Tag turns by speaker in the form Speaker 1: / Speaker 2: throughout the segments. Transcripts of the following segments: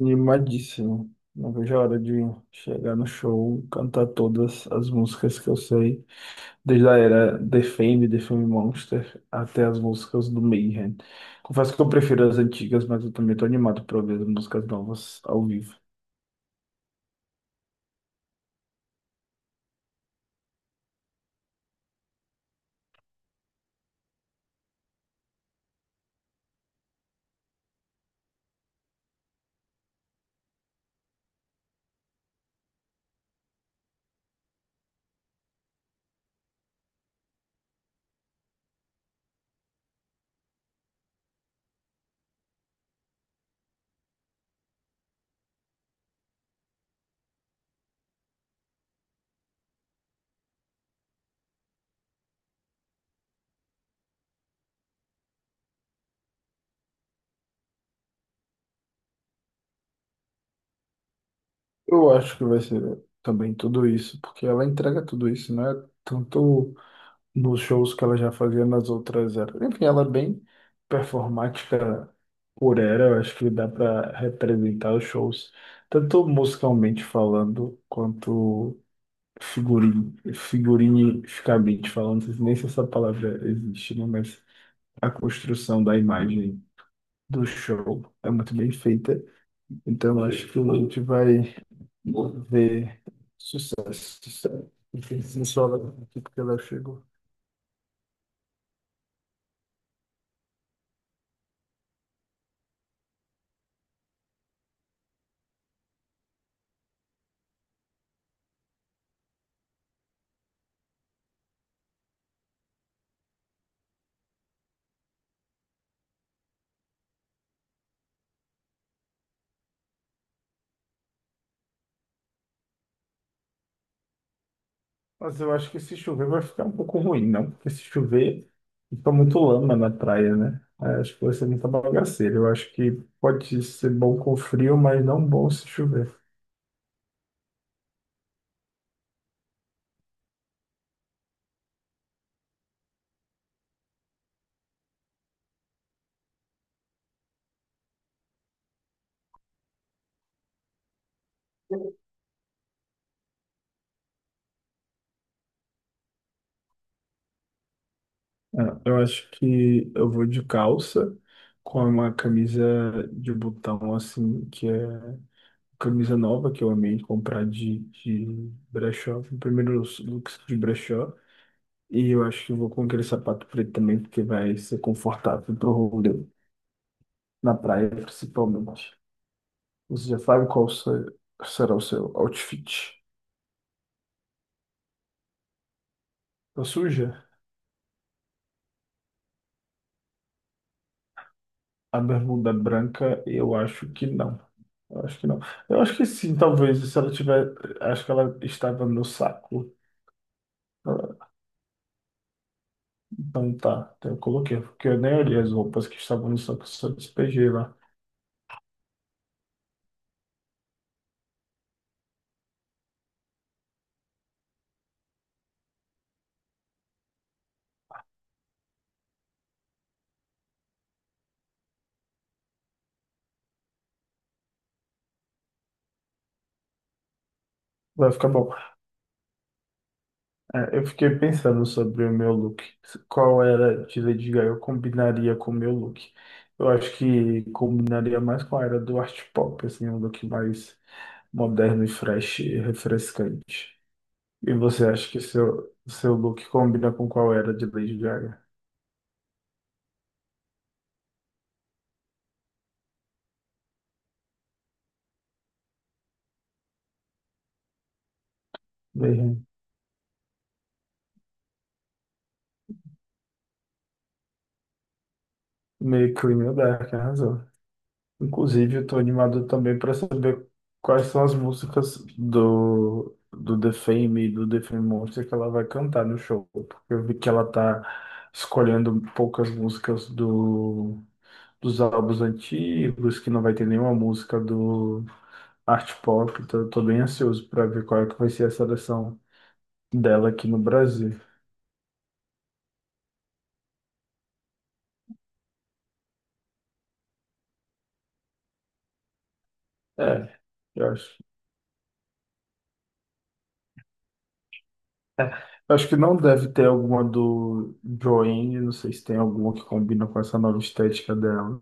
Speaker 1: Animadíssimo. Não vejo a hora de chegar no show, cantar todas as músicas que eu sei, desde a era The Fame, The Fame Monster, até as músicas do Mayhem. Confesso que eu prefiro as antigas, mas eu também tô animado para ver as músicas novas ao vivo. Eu acho que vai ser também tudo isso, porque ela entrega tudo isso, né? Tanto nos shows que ela já fazia nas outras eras. Enfim, ela é bem performática por era, eu acho que dá para representar os shows, tanto musicalmente falando, quanto figurinisticamente falando, nem se essa palavra existe, né? Mas a construção da imagem do show é muito bem feita, então eu acho que a gente vai ver sucesso. Enfim, sim, só ela aqui porque ela chegou. Mas eu acho que se chover vai ficar um pouco ruim, não? Porque se chover, fica muito lama na praia, né? Aí acho que vai ser muita bagaceira. Eu acho que pode ser bom com frio, mas não bom se chover. Ah, eu acho que eu vou de calça, com uma camisa de botão, assim, que é camisa nova, que eu amei comprar de brechó, foi o primeiro looks de brechó. E eu acho que eu vou com aquele sapato preto também, porque vai ser confortável pro rolê, na praia principalmente. Você já sabe qual se- será o seu outfit? Tá suja? A bermuda branca, eu acho que não. Eu acho que não. Eu acho que sim, talvez. Se ela tiver. Acho que ela estava no saco. Ah, então tá. Então eu coloquei, porque eu nem olhei as roupas que estavam no saco, só despejei lá. Vai ficar bom. É, eu fiquei pensando sobre o meu look. Qual era de Lady Gaga eu combinaria com o meu look? Eu acho que combinaria mais com a era do art pop, assim, um look mais moderno e fresh e refrescante. E você acha que seu look combina com qual era de Lady Gaga? Meio, meio Clean and Dark, arrasou. Inclusive, eu tô animado também para saber quais são as músicas do The Fame e do The Fame Monster que ela vai cantar no show, porque eu vi que ela tá escolhendo poucas músicas do dos álbuns antigos, que não vai ter nenhuma música do Art Pop, então eu tô bem ansioso pra ver qual é que vai ser a seleção dela aqui no Brasil. É, eu acho. é, eu acho que não deve ter alguma do Joanne, não sei se tem alguma que combina com essa nova estética dela.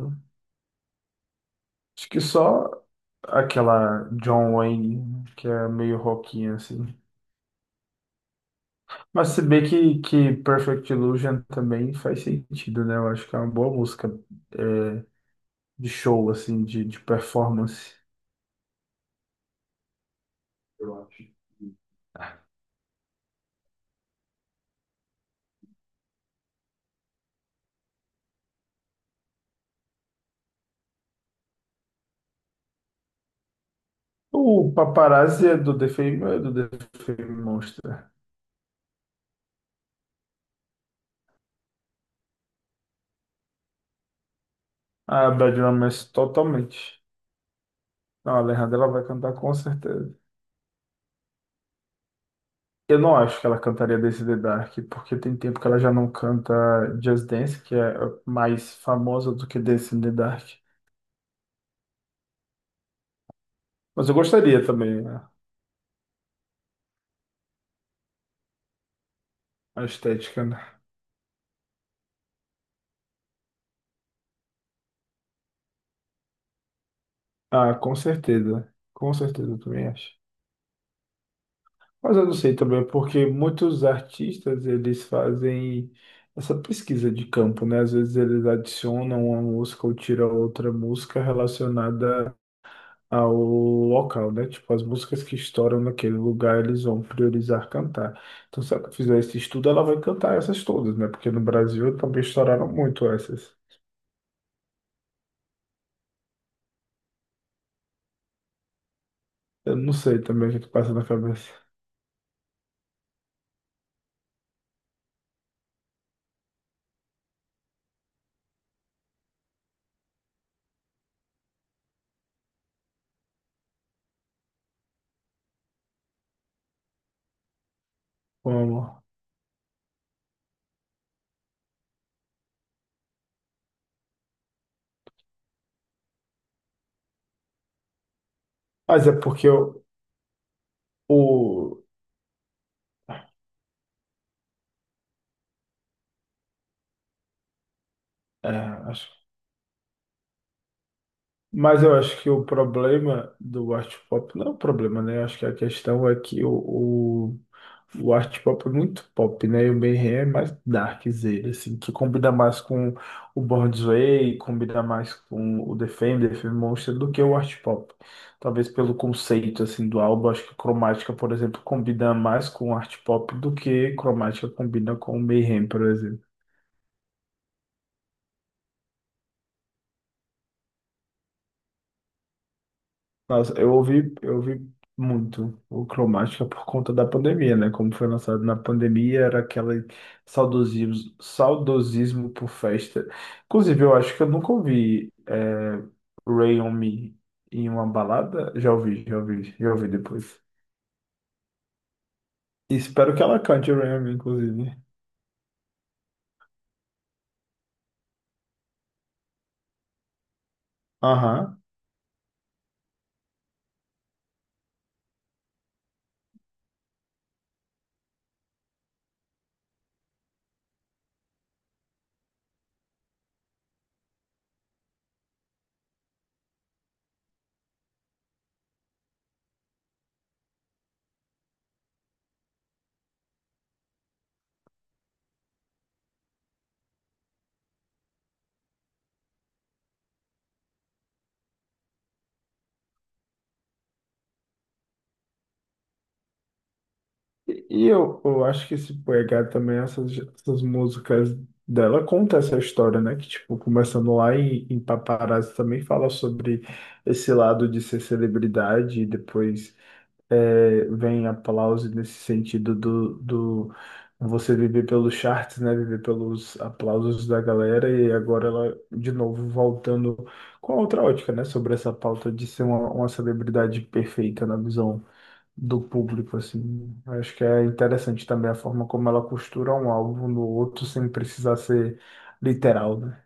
Speaker 1: Acho que só aquela John Wayne, que é meio rockinha assim. Mas se bem que Perfect Illusion também faz sentido, né? Eu acho que é uma boa música é, de show, assim, de performance. Eu acho. O Paparazzi é do The Fame, é do The Fame Monster. A Bad Romance totalmente. Não, a Alejandra ela vai cantar com certeza. Eu não acho que ela cantaria Dance in the Dark, porque tem tempo que ela já não canta Just Dance, que é mais famosa do que Dance in the Dark. Mas eu gostaria também, né? A estética, né? Ah, com certeza. Com certeza, eu também acho. Mas eu não sei também, porque muitos artistas eles fazem essa pesquisa de campo, né? Às vezes eles adicionam uma música ou tiram outra música relacionada ao local, né? Tipo, as músicas que estouram naquele lugar, eles vão priorizar cantar. Então, se ela fizer esse estudo, ela vai cantar essas todas, né? Porque no Brasil também estouraram muito essas. Eu não sei também o que que passa na cabeça. Como... Mas é porque o- acho. Mas eu acho que o problema do art pop não é o problema, né? Eu acho que a questão é que o art pop é muito pop, né? E o Mayhem é mais darkzera, assim, que combina mais com o Born This Way, combina mais com o The Fame, The Fame Monster, do que o art pop. Talvez pelo conceito, assim, do álbum, acho que Chromatica, por exemplo, combina mais com o art pop do que Chromatica combina com o Mayhem, por exemplo. Nossa, eu ouvi muito o Cromática por conta da pandemia, né? Como foi lançado na pandemia, era aquele saudosismo, saudosismo por festa. Inclusive, eu acho que eu nunca ouvi Ray on Me em uma balada. Já ouvi depois. E espero que ela cante Ray on Me, inclusive. Aham. Eu acho que esse PH também, essas músicas dela conta essa história, né? Que, tipo, começando lá em Paparazzi também fala sobre esse lado de ser celebridade e depois vem aplauso nesse sentido do você viver pelos charts, né? Viver pelos aplausos da galera e agora ela, de novo, voltando com a outra ótica, né? Sobre essa pauta de ser uma celebridade perfeita na visão do público, assim. Acho que é interessante também a forma como ela costura um álbum no outro sem precisar ser literal, né?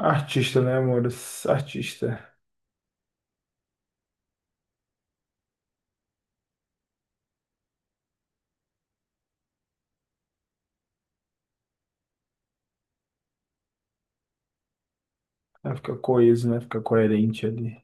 Speaker 1: Artista, né, amores? Artista. Ela fica coeso, né? Fica coerente ali.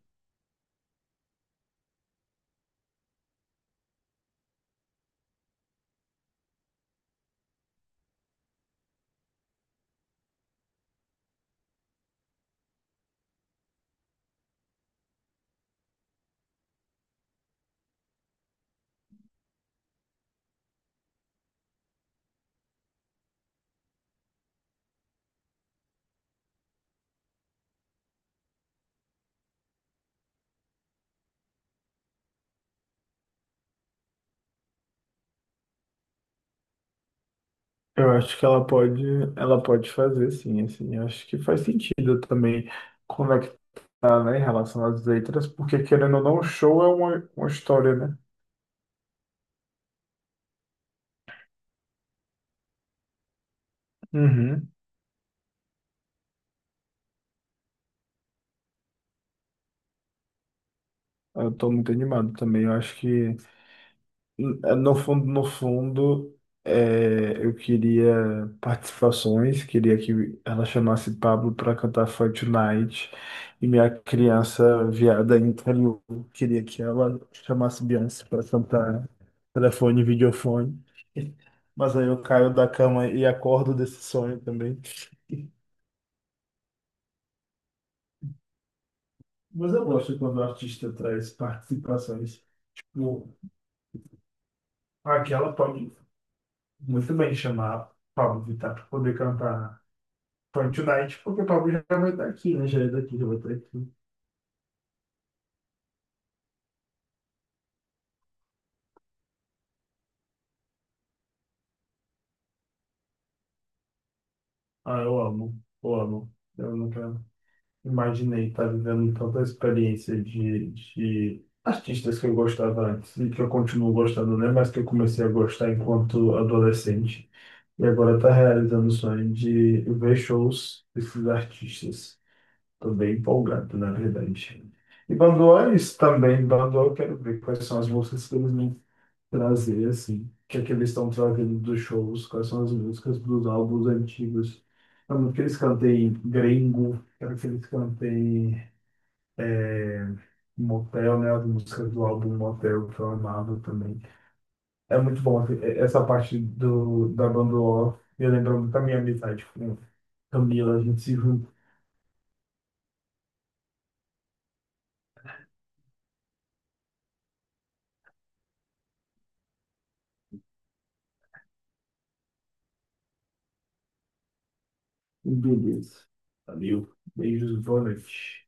Speaker 1: Eu acho que ela pode fazer, sim, assim. Eu acho que faz sentido também conectar, né, em relação às letras, porque querendo ou não, o show é uma história, né? Uhum. Eu tô muito animado também. Eu acho que no fundo, no fundo, eu queria participações, queria que ela chamasse Pablo para cantar Fight Night, e minha criança viada interior queria que ela chamasse Beyoncé para cantar telefone, e videofone. Mas aí eu caio da cama e acordo desse sonho também. Mas eu gosto quando o artista traz participações. Tipo, aquela pode muito bem chamar Pablo Vittar para poder cantar Fortnite, porque o Pablo já vai estar aqui, né? Já é daqui, já vai estar aqui. Ah, eu amo. Eu nunca imaginei estar vivendo tanta experiência de artistas que eu gostava antes e que eu continuo gostando, né? Mas que eu comecei a gostar enquanto adolescente. E agora tá realizando o sonho de ver shows desses artistas. Tô bem empolgado, na verdade. E Bandoa é isso também. Bandoa eu quero ver quais são as músicas que eles vão trazer, assim, o que é que eles estão trazendo dos shows, quais são as músicas dos álbuns antigos. É muito que eles cantem Gringo, quero que eles cantem Motel, né, as músicas do álbum Motel, que eu amava também. É muito bom assim, essa parte do, da banda O, me lembra muito da minha amizade com Camila, a gente se junta. Beleza. Valeu. Beijos, boa noite.